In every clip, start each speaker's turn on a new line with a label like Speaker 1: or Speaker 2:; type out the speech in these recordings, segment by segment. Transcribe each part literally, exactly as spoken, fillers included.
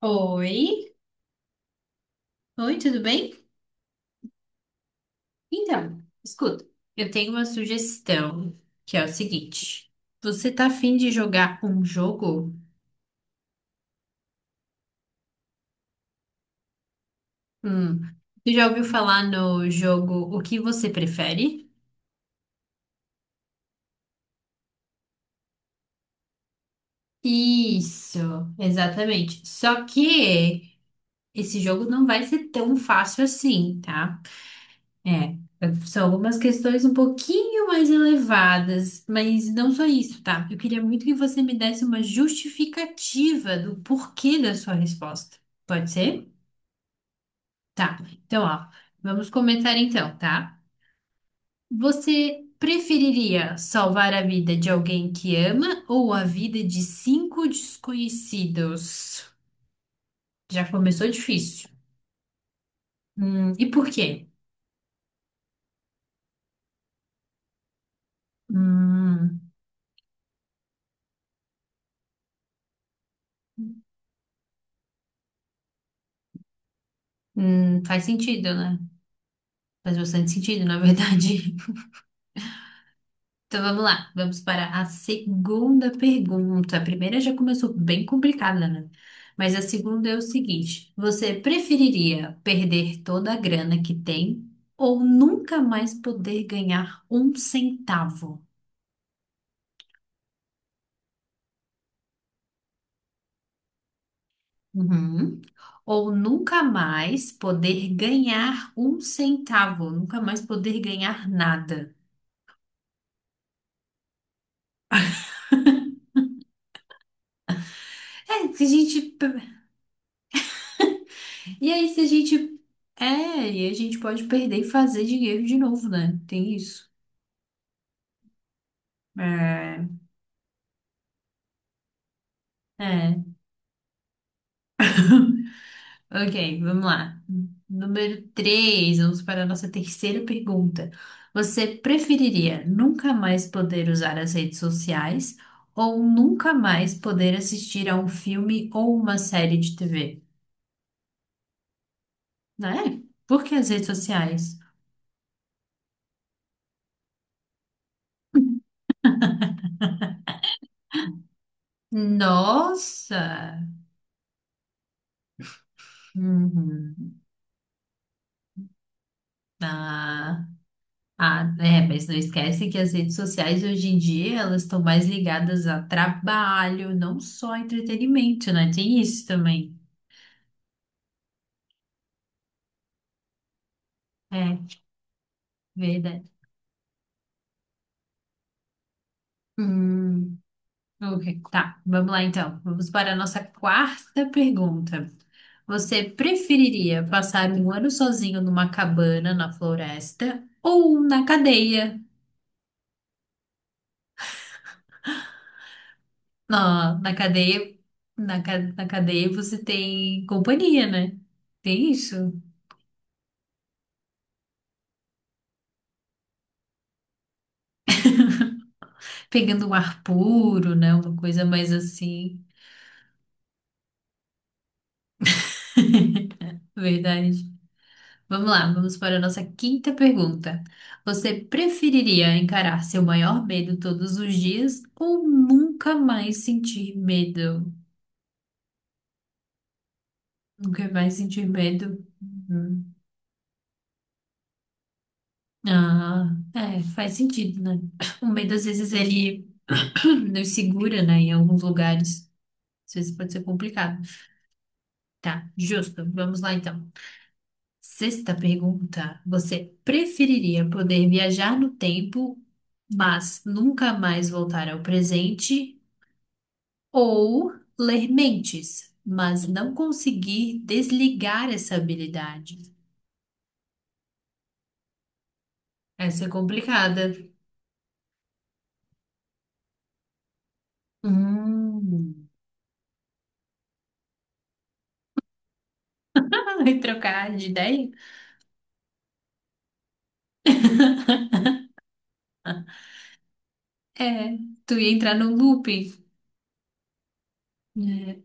Speaker 1: Oi, oi, tudo bem? Então, escuta, eu tenho uma sugestão, que é o seguinte. Você tá afim de jogar um jogo? Hum, você já ouviu falar no jogo O que você prefere? Isso, exatamente. Só que esse jogo não vai ser tão fácil assim, tá? É, são algumas questões um pouquinho mais elevadas, mas não só isso, tá? Eu queria muito que você me desse uma justificativa do porquê da sua resposta. Pode ser? Tá. Então, ó, vamos começar então, tá? Você preferiria salvar a vida de alguém que ama ou a vida de cinco desconhecidos? Já começou difícil. Hum, e por quê? Hum, hum, faz sentido, né? Faz bastante sentido, na verdade. Então vamos lá, vamos para a segunda pergunta. A primeira já começou bem complicada, né? Mas a segunda é o seguinte: você preferiria perder toda a grana que tem ou nunca mais poder ganhar um centavo? Uhum. Ou nunca mais poder ganhar um centavo, nunca mais poder ganhar nada. É, se a gente. E aí, se a gente. É, e a gente pode perder e fazer dinheiro de novo, né? Tem isso. É. É. Ok, vamos lá. Número três, vamos para a nossa terceira pergunta. Você preferiria nunca mais poder usar as redes sociais ou nunca mais poder assistir a um filme ou uma série de T V? Né? Por que as redes sociais? Nossa! Uhum. Ah. Ah, é, mas não esquece que as redes sociais hoje em dia elas estão mais ligadas a trabalho, não só a entretenimento, né? Tem isso também. É, verdade. Hum, ok, tá. Vamos lá então. Vamos para a nossa quarta pergunta. Você preferiria passar um ano sozinho numa cabana na floresta ou na cadeia? Ah, na cadeia, na, ca- na cadeia você tem companhia, né? Tem isso? Pegando um ar puro, né? Uma coisa mais assim, verdade. Vamos lá, vamos para a nossa quinta pergunta. Você preferiria encarar seu maior medo todos os dias ou nunca mais sentir medo? Nunca mais sentir medo? Uhum. Ah, é, faz sentido, né? O medo às vezes ele nos segura, né, em alguns lugares. Às vezes pode ser complicado. Tá, justo. Vamos lá então. Sexta pergunta: Você preferiria poder viajar no tempo, mas nunca mais voltar ao presente? Ou ler mentes, mas não conseguir desligar essa habilidade? Essa é complicada. Hum. Vai trocar de ideia? É, tu ia entrar no looping. É,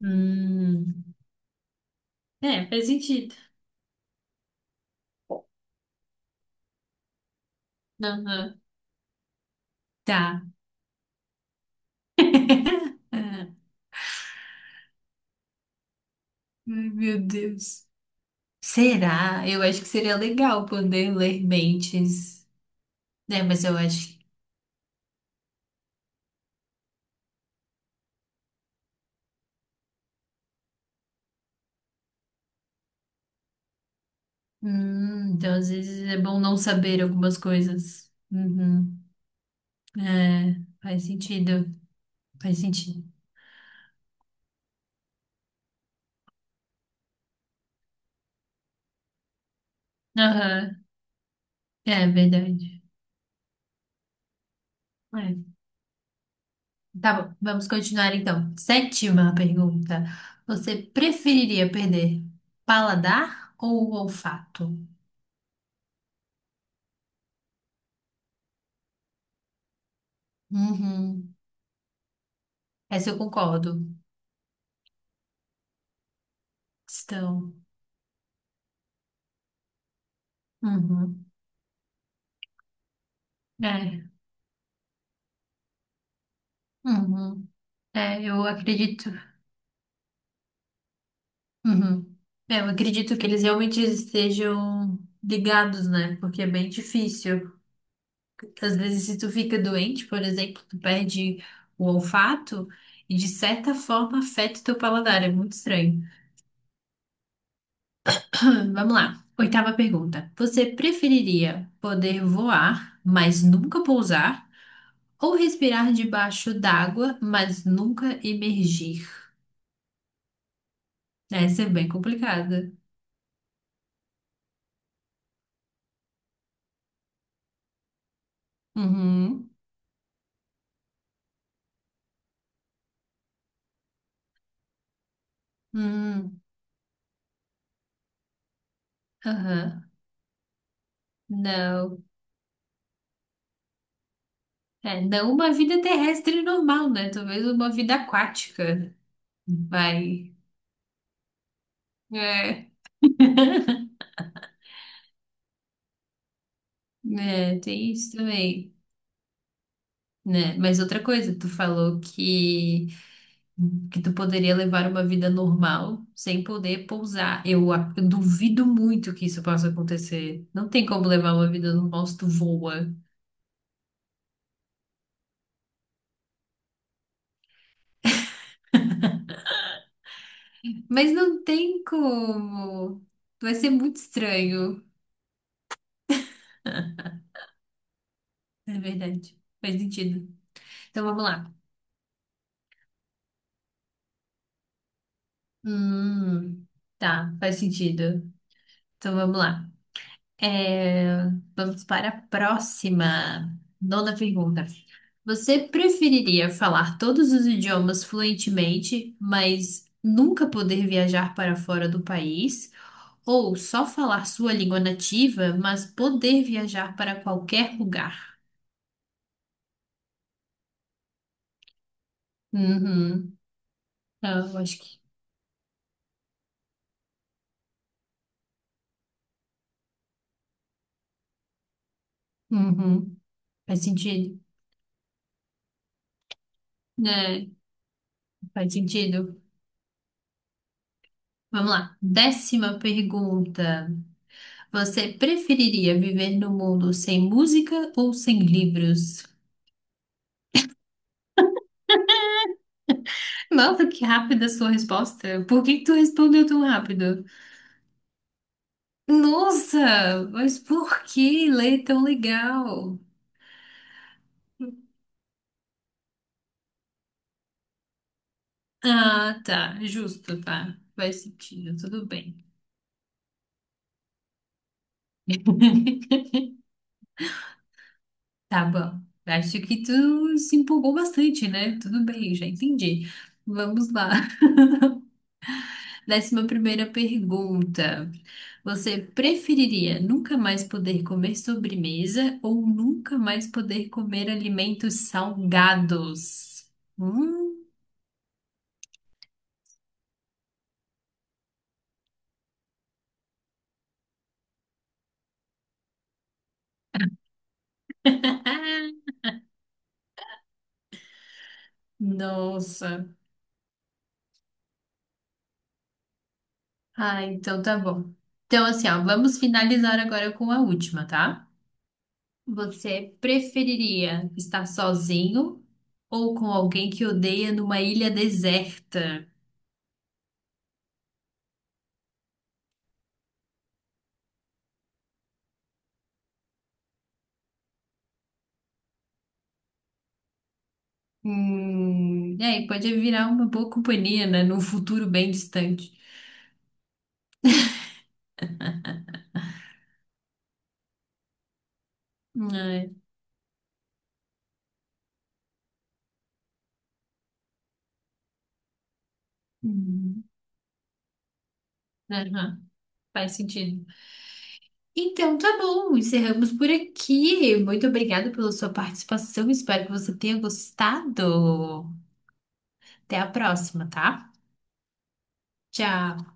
Speaker 1: hum. É, faz sentido. Aham. Tá. É. Ai, meu Deus. Será? Eu acho que seria legal poder ler mentes. Né? mas eu acho. que- Hum, então, às vezes é bom não saber algumas coisas. Uhum. É, faz sentido. Faz sentido. Aham. É verdade. É. Tá bom, vamos continuar então. Sétima pergunta. Você preferiria perder paladar ou olfato? Uhum. Essa eu concordo. Estão. Uhum. É. Uhum. É, eu acredito. Uhum. É, eu acredito que eles realmente estejam ligados, né? Porque é bem difícil. Às vezes, se tu fica doente, por exemplo, tu perde o olfato e, de certa forma, afeta o teu paladar. É muito estranho. Vamos lá. Oitava pergunta. Você preferiria poder voar, mas nunca pousar? Ou respirar debaixo d'água, mas nunca emergir? Essa é bem complicada. Uhum. Hum. Aham. Não. É, não uma vida terrestre normal, né? Talvez uma vida aquática. Vai. É. É, tem isso também, né? Mas outra coisa, tu falou que que tu poderia levar uma vida normal sem poder pousar. Eu, a- eu duvido muito que isso possa acontecer. Não tem como levar uma vida normal se tu voa. Mas não tem como. Vai ser muito estranho, é verdade. Faz sentido. Então vamos lá. Hum, tá, faz sentido. Então vamos lá. É, vamos para a próxima. Nona pergunta. Você preferiria falar todos os idiomas fluentemente, mas nunca poder viajar para fora do país? Ou só falar sua língua nativa, mas poder viajar para qualquer lugar? Uhum. Ah, eu acho que. Uhum. Faz sentido. Né? Faz sentido. Vamos lá. Décima pergunta. Você preferiria viver no mundo sem música ou sem livros? Nossa, que rápida a sua resposta. Por que que tu respondeu tão rápido? Nossa, mas por que ler tão legal? Ah, tá, justo, tá. Faz sentido, tudo bem. Tá bom. Acho que tu se empolgou bastante, né? Tudo bem, já entendi. Vamos lá. Décima primeira pergunta. Você preferiria nunca mais poder comer sobremesa ou nunca mais poder comer alimentos salgados? Hum? Nossa. Ah, então tá bom. Então, assim, ó, vamos finalizar agora com a última, tá? Você preferiria estar sozinho ou com alguém que odeia numa ilha deserta? Hum, é, e aí, pode virar uma boa companhia, né? Num futuro bem distante. É. Uhum. Aham, faz sentido. Então, tá bom, encerramos por aqui. Muito obrigada pela sua participação. Espero que você tenha gostado. Até a próxima, tá? Tchau.